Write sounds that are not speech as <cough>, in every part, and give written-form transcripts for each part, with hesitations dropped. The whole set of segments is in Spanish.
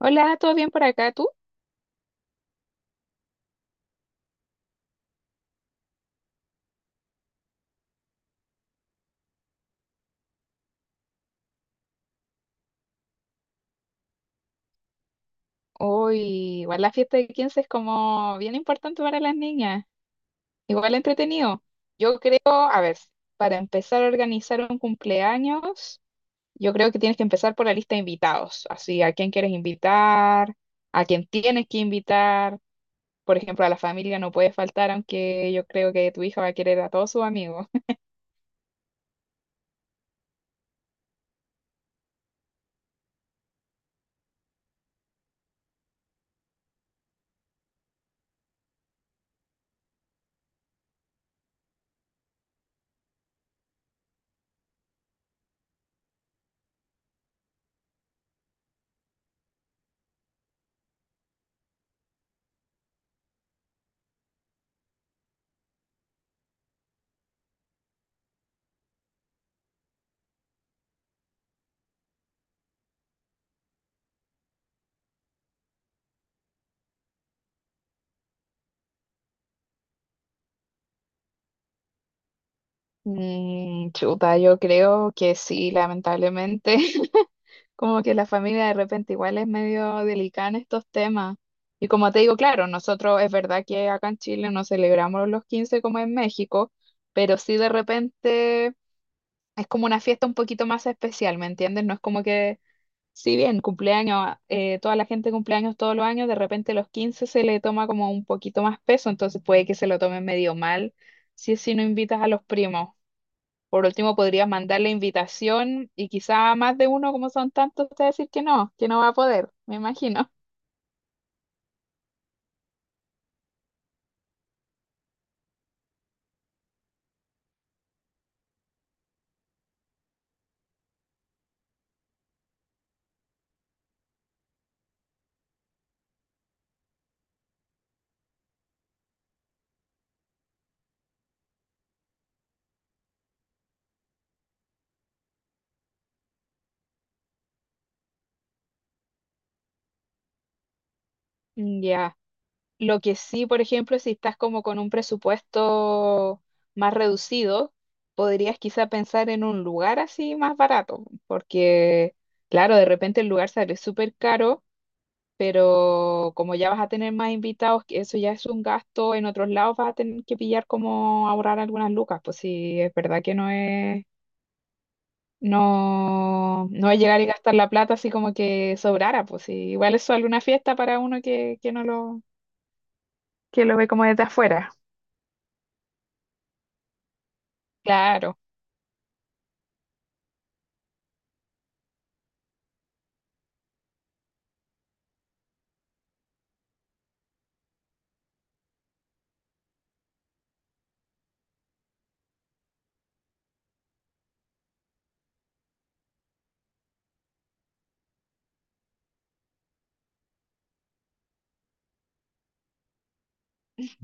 Hola, ¿todo bien por acá tú? Hoy, igual la fiesta de 15 es como bien importante para las niñas, igual entretenido. Yo creo, a ver, para empezar a organizar un cumpleaños, yo creo que tienes que empezar por la lista de invitados, así a quién quieres invitar, a quién tienes que invitar, por ejemplo, a la familia no puede faltar, aunque yo creo que tu hija va a querer a todos sus amigos. <laughs> Mm, chuta, yo creo que sí, lamentablemente. Como que la familia de repente igual es medio delicada en estos temas. Y como te digo, claro, nosotros es verdad que acá en Chile no celebramos los 15 como en México, pero sí de repente es como una fiesta un poquito más especial, ¿me entiendes? No es como que, si bien cumpleaños, toda la gente cumpleaños todos los años, de repente los 15 se le toma como un poquito más peso, entonces puede que se lo tomen medio mal si no invitas a los primos. Por último, podrías mandar la invitación y quizá a más de uno, como son tantos, te va a decir que no va a poder, me imagino. Mm, ya. Lo que sí, por ejemplo, si estás como con un presupuesto más reducido, podrías quizá pensar en un lugar así más barato, porque claro, de repente el lugar sale súper caro, pero como ya vas a tener más invitados, que eso ya es un gasto, en otros lados vas a tener que pillar como ahorrar algunas lucas, pues sí, es verdad que no es. No, no es llegar y gastar la plata así como que sobrara, pues sí, igual es solo una fiesta para uno que no lo ve como desde afuera. Claro,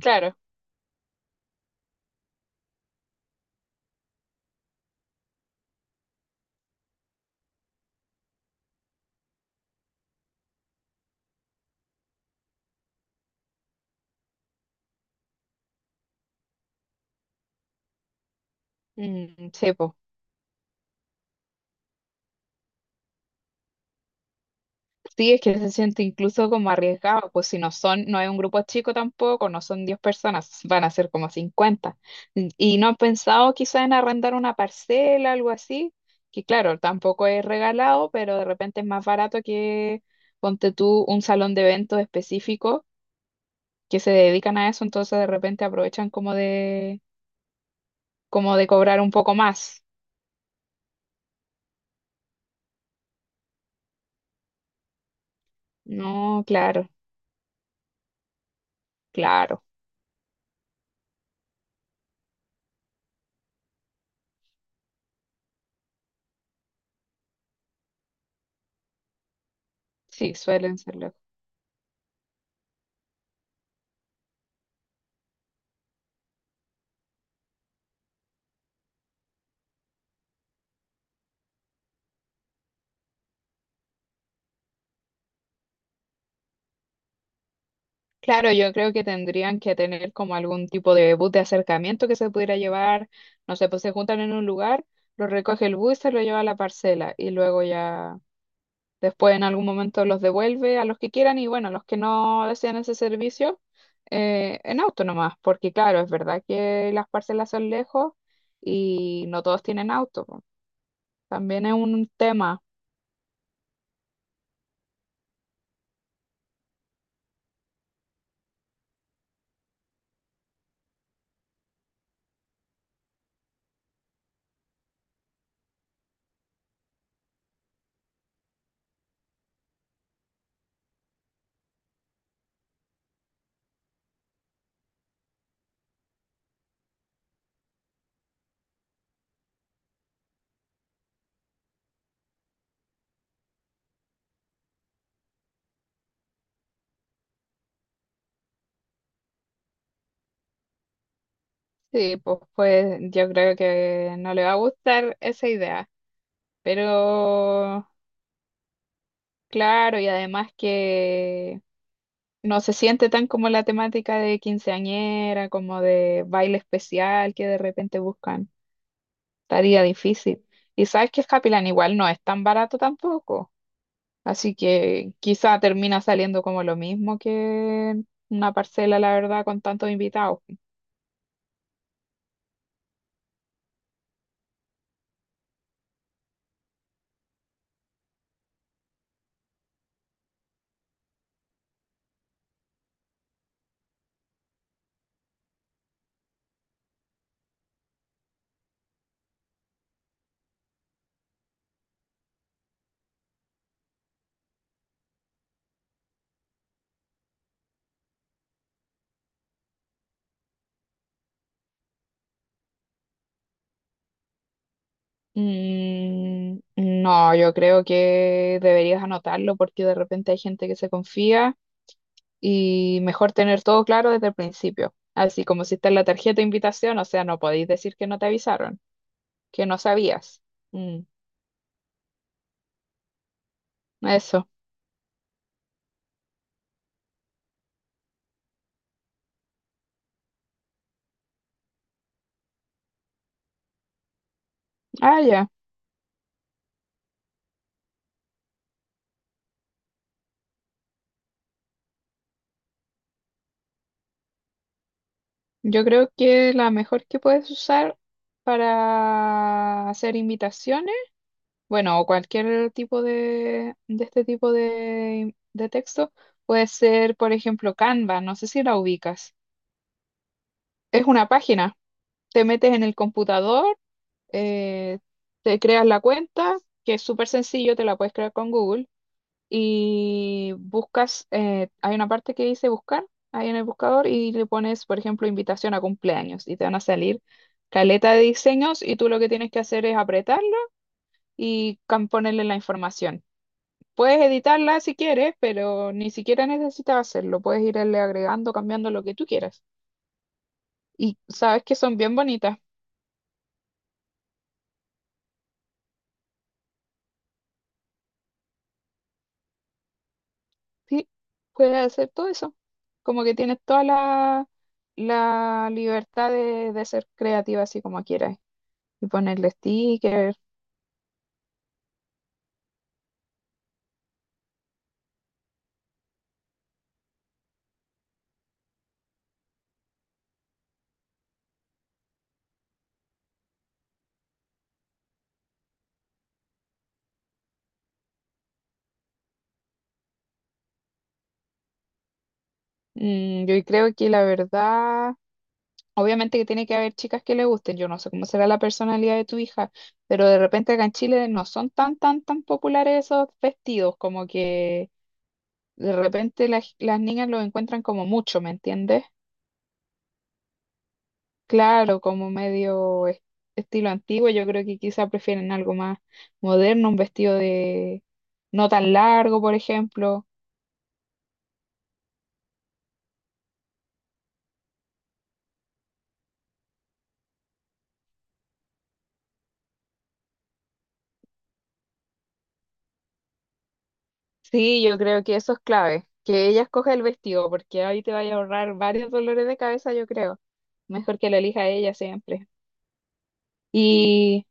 claro. Mm, sí, pues. Sí, es que se siente incluso como arriesgado, pues si no son, no es un grupo chico tampoco, no son 10 personas, van a ser como 50. Y no han pensado quizá en arrendar una parcela, algo así, que claro, tampoco es regalado, pero de repente es más barato que ponte tú un salón de eventos específico que se dedican a eso, entonces de repente aprovechan como de cobrar un poco más. No, claro, claro, sí, suelen ser lejos. Claro, yo creo que tendrían que tener como algún tipo de bus de acercamiento que se pudiera llevar, no sé, pues se juntan en un lugar, lo recoge el bus y se lo lleva a la parcela y luego ya. Después en algún momento los devuelve a los que quieran y bueno, los que no desean ese servicio en auto nomás, porque claro, es verdad que las parcelas son lejos y no todos tienen auto, po. También es un tema. Sí, pues, pues yo creo que no le va a gustar esa idea, pero claro, y además que no se siente tan como la temática de quinceañera, como de baile especial que de repente buscan. Estaría difícil. Y sabes que Escapilán igual no es tan barato tampoco. Así que quizá termina saliendo como lo mismo que una parcela, la verdad, con tantos invitados. Mm, no, yo creo que deberías anotarlo porque de repente hay gente que se confía y mejor tener todo claro desde el principio. Así como si está en la tarjeta de invitación, o sea, no podéis decir que no te avisaron, que no sabías. Mm, eso. Ah, ya. Yo creo que la mejor que puedes usar para hacer invitaciones, bueno, o cualquier tipo de este tipo de texto, puede ser, por ejemplo, Canva, no sé si la ubicas. Es una página, te metes en el computador, eh, te creas la cuenta, que es súper sencillo, te la puedes crear con Google. Y buscas, hay una parte que dice buscar ahí en el buscador y le pones, por ejemplo, invitación a cumpleaños y te van a salir caleta de diseños y tú lo que tienes que hacer es apretarlo y ponerle la información. Puedes editarla si quieres, pero ni siquiera necesitas hacerlo. Puedes irle agregando, cambiando lo que tú quieras. Y sabes que son bien bonitas. Sí, puedes hacer todo eso. Como que tienes toda la libertad de ser creativa así como quieras. Y ponerle stickers. Yo creo que la verdad, obviamente que tiene que haber chicas que le gusten. Yo no sé cómo será la personalidad de tu hija, pero de repente acá en Chile no son tan, tan, tan populares esos vestidos, como que de repente las niñas los encuentran como mucho, ¿me entiendes? Claro, como medio estilo antiguo, yo creo que quizá prefieren algo más moderno, un vestido de no tan largo, por ejemplo. Sí, yo creo que eso es clave, que ella escoja el vestido, porque ahí te vaya a ahorrar varios dolores de cabeza, yo creo. Mejor que lo elija ella siempre. Y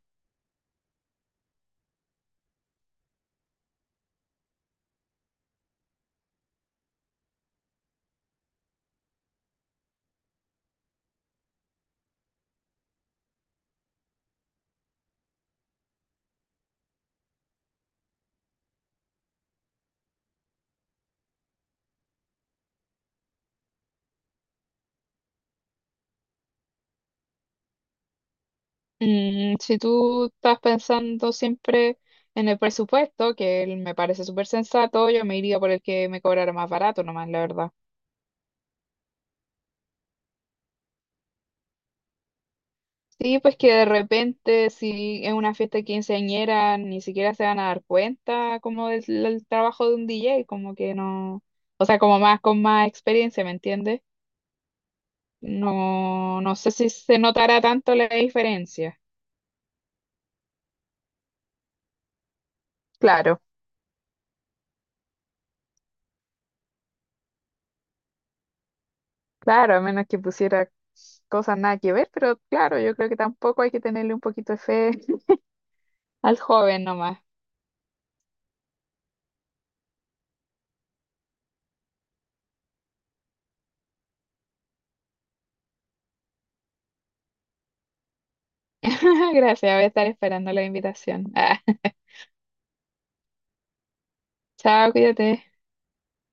si tú estás pensando siempre en el presupuesto, que él me parece súper sensato, yo me iría por el que me cobrara más barato nomás, la verdad. Sí, pues que de repente, si es una fiesta quinceañera, ni siquiera se van a dar cuenta como del trabajo de un DJ, como que no, o sea, como más con más experiencia, ¿me entiendes? No, no sé si se notará tanto la diferencia. Claro, claro, a menos que pusiera cosas nada que ver, pero claro, yo creo que tampoco hay que tenerle un poquito de fe. <laughs> Al joven nomás. <laughs> Gracias, voy a estar esperando la invitación. Ah, chao, cuídate.